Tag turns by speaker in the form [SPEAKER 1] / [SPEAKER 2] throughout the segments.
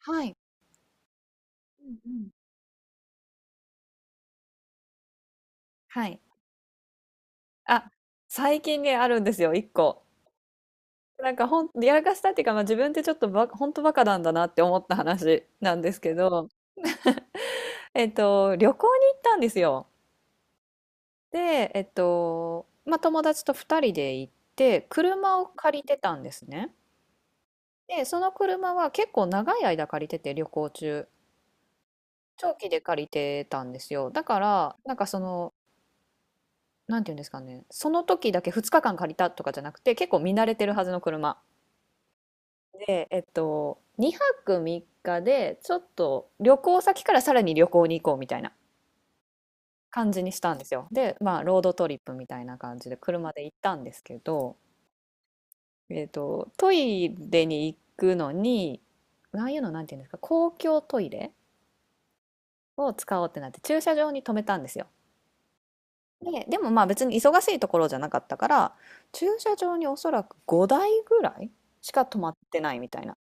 [SPEAKER 1] はい。うんうん。はい。あ、最近ね、あるんですよ、1個。なんかやらかしたっていうか、まあ、自分ってちょっとほんとバカなんだなって思った話なんですけど、旅行に行ったんですよ。で、まあ、友達と2人で行って、車を借りてたんですね。で、その車は結構長い間借りてて、旅行中。長期で借りてたんですよ。だから、なんかその、なんていうんですかね、その時だけ2日間借りたとかじゃなくて、結構見慣れてるはずの車。で、2泊3日で、ちょっと旅行先からさらに旅行に行こうみたいな感じにしたんですよ。で、まあ、ロードトリップみたいな感じで車で行ったんですけど、トイレに行くのに、ああいうのなんていうんですか、公共トイレを使おうってなって、駐車場に止めたんですよ。で、でもまあ別に忙しいところじゃなかったから、駐車場におそらく5台ぐらいしか止まってないみたいな。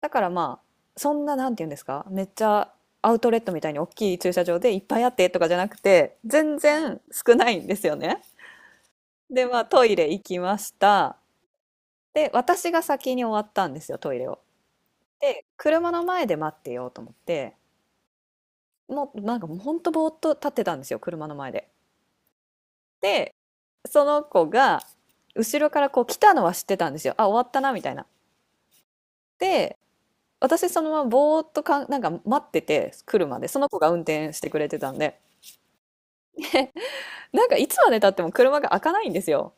[SPEAKER 1] だからまあ、そんな、なんて言うんですか、めっちゃアウトレットみたいに大きい駐車場でいっぱいあってとかじゃなくて、全然少ないんですよね。で、まあ、トイレ行きました。で、私が先に終わったんですよ、トイレを。で、車の前で待ってようと思って、もうなんかほんとぼーっと立ってたんですよ、車の前で。で、その子が、後ろからこう来たのは知ってたんですよ。あ、終わったな、みたいな。で、私そのままぼーっとなんか待ってて、車で、その子が運転してくれてたんで。でなんかいつまで経っても車が開かないんですよ。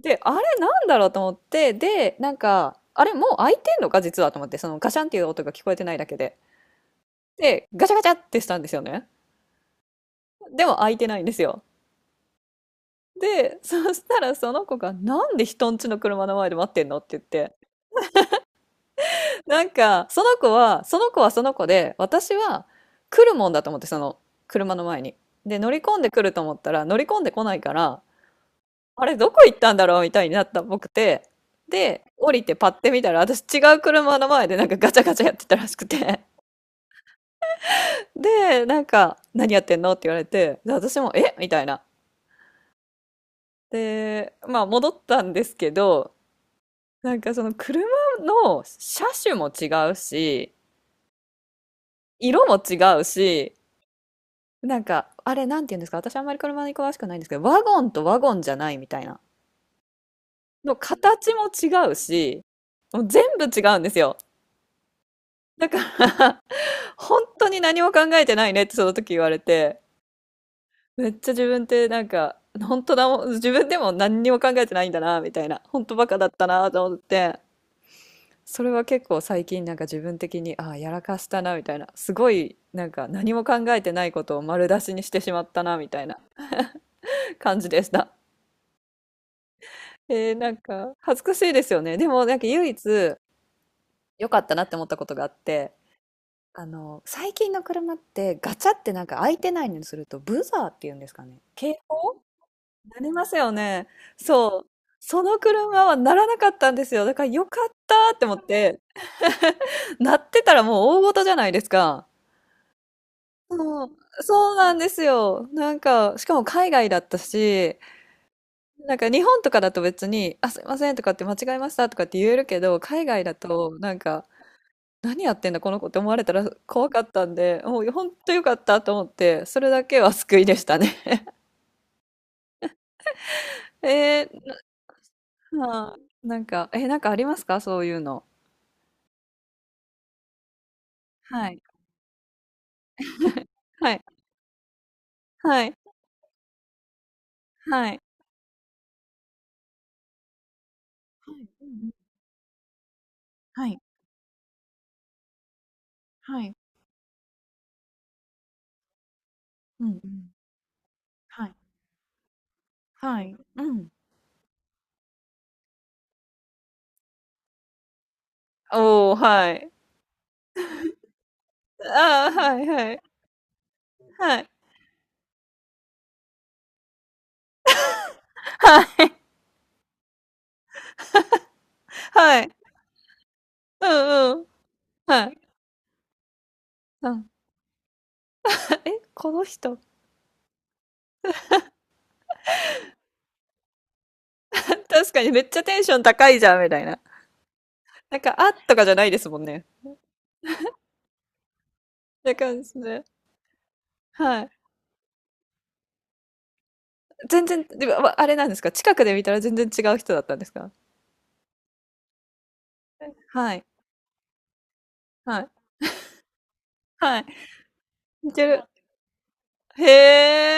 [SPEAKER 1] で、あれなんだろうと思って、で、なんか、あれもう開いてんのか実はと思って、そのガシャンっていう音が聞こえてないだけで。で、ガチャガチャってしたんですよね。でも開いてないんですよ。で、そしたらその子が、なんで人んちの車の前で待ってんのって言って。なんか、その子はその子で、私は来るもんだと思って、その車の前に。で、乗り込んでくると思ったら、乗り込んでこないから、あれ、どこ行ったんだろうみたいになったっぽくて、で、降りてパッて見たら、私違う車の前でなんかガチャガチャやってたらしくて、で、なんか、何やってんのって言われて、で、私も、えみたいな。で、まあ戻ったんですけど、なんかその車の車種も違うし、色も違うし、なんか、あれ、なんて言うんですか、私あんまり車に詳しくないんですけど、ワゴンとワゴンじゃないみたいな。の形も違うし、もう全部違うんですよ。だから本当に何も考えてないねってその時言われて、めっちゃ自分ってなんか、本当だもん、自分でも何にも考えてないんだな、みたいな、本当バカだったなと思って、それは結構最近なんか自分的に、ああ、やらかしたな、みたいな、すごいなんか何も考えてないことを丸出しにしてしまったな、みたいな感じでした。えー、なんか恥ずかしいですよね。でもなんか唯一良かったなって思ったことがあって、あの、最近の車ってガチャってなんか開いてないのにするとブザーっていうんですかね。警報なりますよね。そう。その車はならなかったんですよ。だからよかったって思って、鳴ってたらもう大事じゃないですか。そう、そうなんですよ。なんか、しかも海外だったし、なんか日本とかだと別に、あ、すいませんとかって間違えましたとかって言えるけど、海外だとなんか、何やってんだこの子って思われたら怖かったんで、もう本当よかったと思って、それだけは救いでしたね。えー、な、なんか、ありますかそういうの。はい。はい。はい、はい。はい、うんうん、はい、はい、うんうん、はい、はい、うん。おお、はい。ああ、はいはい。はい。はい。はい。うんうん。はい。うん。え、この人。確かにめっちゃテンション高いじゃんみたいな。なんか、あ、とかじゃないですもんね。って感じで。はい。全然、でも、あれなんですか、近くで見たら全然違う人だったんですか？はい、はい、はい。似てる。へ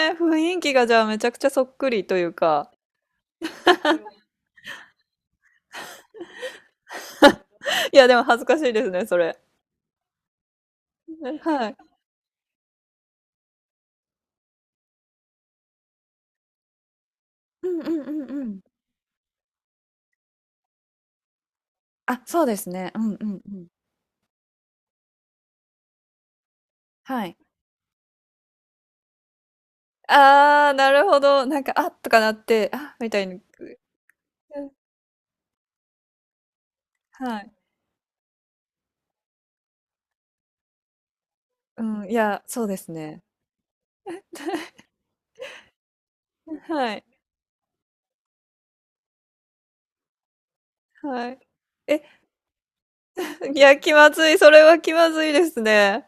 [SPEAKER 1] え、雰囲気がじゃあめちゃくちゃそっくりというか。いや、でも恥ずかしいですね、それ。はい。うんうんうんうん。あ、そうですね。うんうんうん。はい。ああ、なるほど。なんか、あっとかなって、あ、みたいに、うんはい。うん、いや、そうですね。はい、はい。え、いや、気まずい、それは気まずいですね。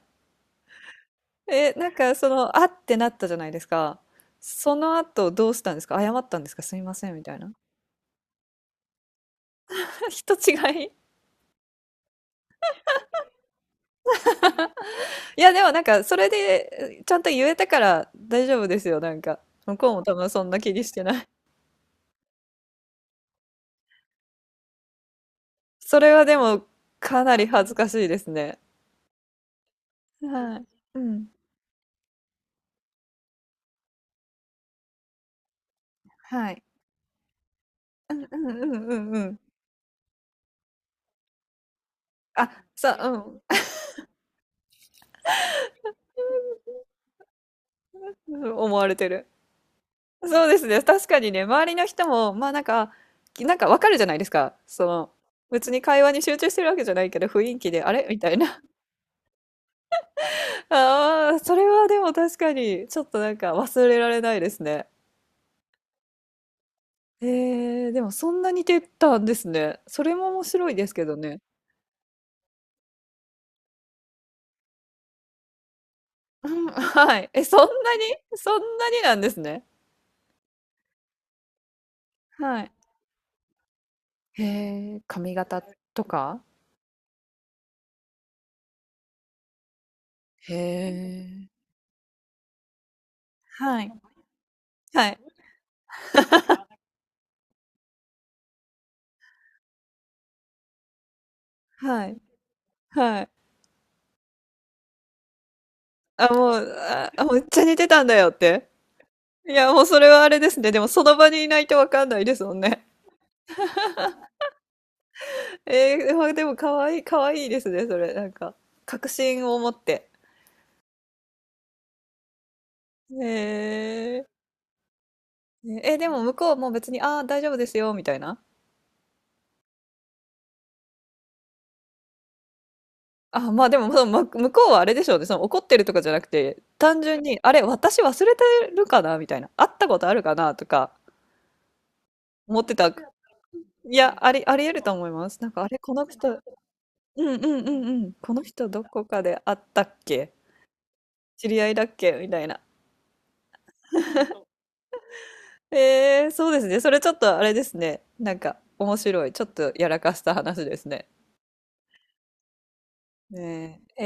[SPEAKER 1] え、なんかその、あってなったじゃないですか。その後どうしたんですか？謝ったんですか？すみません、みたいな。人違い。いや、でもなんか、それで、ちゃんと言えたから大丈夫ですよ、なんか。向こうも多分そんな気にしてない。それはでも、かなり恥ずかしいですね。はい。うん。はい。うんうんうんうんうん。あ、さ、うん。うん思われてる。そうですね。確かにね、周りの人も、まあなんか、なんかわかるじゃないですか。その、別に会話に集中してるわけじゃないけど、雰囲気で、あれみたいな。ああ、それはでも確かに、ちょっとなんか忘れられないですね。えーでもそんなに出たんですね。それも面白いですけどね。うん、はい。え、そんなに？そんなになんですね。はい。へえ、髪型とか？へえ。はい。はい。はい。はい。あ、もう、ああ、めっちゃ似てたんだよって。いや、もうそれはあれですね。でもその場にいないとわかんないですもんね。ええ、まあでも可愛い可愛いですね、それ、なんか、確信を持って。へえ、ねえ、でも向こうも別に「ああ、大丈夫ですよ」みたいな？あ、まあでも、その、向こうはあれでしょうね。その怒ってるとかじゃなくて、単純に、あれ、私忘れてるかなみたいな。会ったことあるかなとか思ってた。いや、あり得ると思います。なんか、あれ、この人、うんうんうんうん。この人どこかで会ったっけ？知り合いだっけみたいな。えー、そうですね。それちょっとあれですね。なんか、面白い。ちょっとやらかした話ですね。ねえ、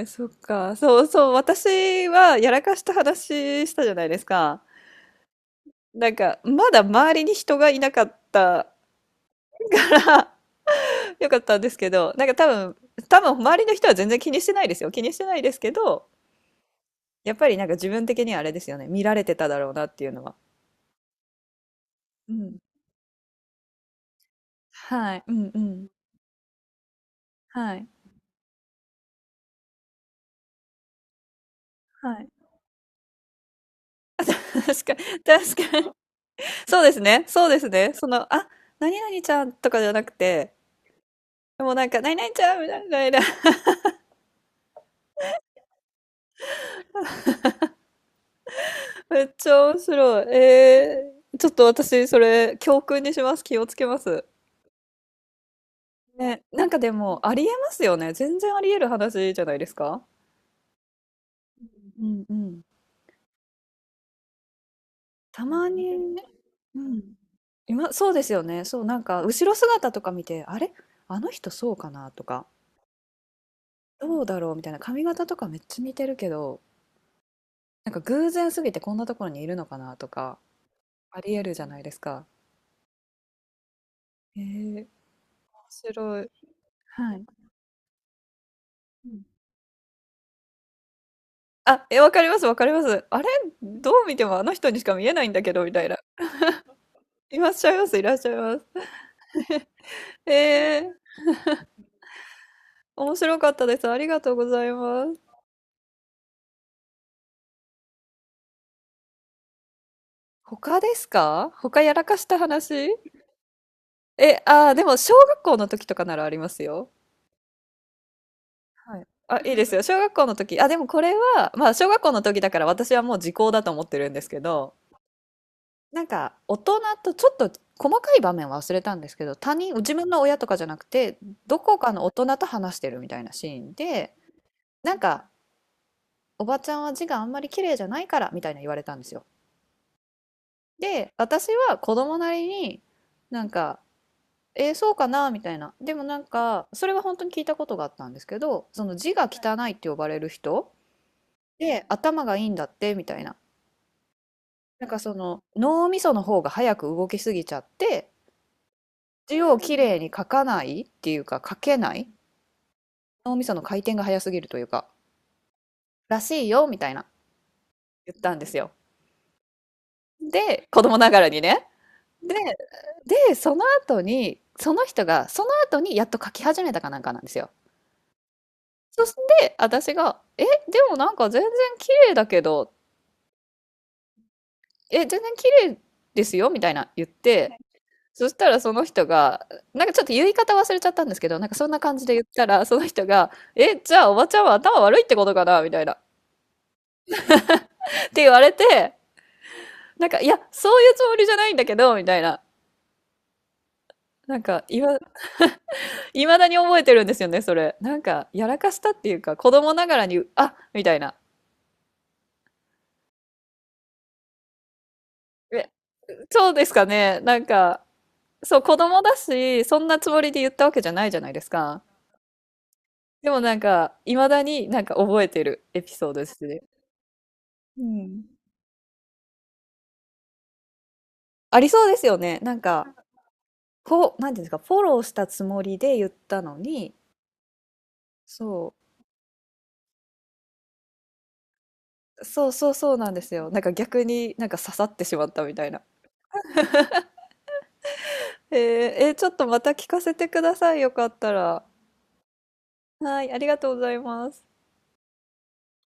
[SPEAKER 1] えー、そっか。そうそう。私はやらかした話したじゃないですか。なんか、まだ周りに人がいなかったから 良かったんですけど、なんか多分、周りの人は全然気にしてないですよ。気にしてないですけど、やっぱりなんか自分的にはあれですよね。見られてただろうなっていうのは。うん。はい。うんうん。はい。はい。確かに、確かに。そうですね。そうですね。その、あ、何々ちゃんとかじゃなくて、もうなんか、何々ちゃんみたいな、めっちゃ面白い。ちょっと私、それ、教訓にします。気をつけます。ね、なんかでもありえますよね。全然ありえる話じゃないですか。うんうん。たまにね、うん。今、そうですよね。そう、なんか後ろ姿とか見て、あれあの人そうかなとか、どうだろうみたいな、髪型とかめっちゃ似てるけど、なんか偶然すぎてこんなところにいるのかなとか、ありえるじゃないですか。面白い。はい。うん、あ、え、わかります、わかります。あれどう見てもあの人にしか見えないんだけど、みたいな。いらっしゃいます、いらっしゃいます。えー面白かったです。ありがとうございます。他ですか？他やらかした話？え、ああでも小学校の時とかならありますよ。はい。あ、いいですよ。小学校の時。あ、でもこれは、まあ小学校の時だから私はもう時効だと思ってるんですけど、なんか大人とちょっと細かい場面は忘れたんですけど、他人、自分の親とかじゃなくて、どこかの大人と話してるみたいなシーンで、なんか、おばちゃんは字があんまり綺麗じゃないからみたいな言われたんですよ。で、私は子供なりになんか、えーそうかなみたいな。でもなんか、それは本当に聞いたことがあったんですけど、その字が汚いって呼ばれる人で、頭がいいんだってみたいな。なんかその脳みその方が早く動きすぎちゃって、字をきれいに書かないっていうか、書けない。脳みその回転が早すぎるというか、らしいよみたいな言ったんですよ。で、子供ながらにね。で、で、その後に、その人が、その後にやっと書き始めたかなんかなんですよ。そして、私が、え、でもなんか全然綺麗だけど、え、全然綺麗ですよみたいな言って、そしたらその人が、なんかちょっと言い方忘れちゃったんですけど、なんかそんな感じで言ったら、その人が、え、じゃあおばちゃんは頭悪いってことかなみたいな。って言われて、なんか、いや、そういうつもりじゃないんだけど、みたいな。なんか、いま、いまだに覚えてるんですよね、それ。なんか、やらかしたっていうか、子供ながらに、あ、みたいな。え、そうですかね。なんか、そう、子供だし、そんなつもりで言ったわけじゃないじゃないですか。でもなんか、いまだになんか覚えてるエピソードですね。うん。ありそうですよね。なんか、こう、なんていうんですか、フォローしたつもりで言ったのに、そう、そうそうそうなんですよ。なんか逆になんか刺さってしまったみたいな。えー、ちょっとまた聞かせてください。よかったら。はい、ありがとうございます。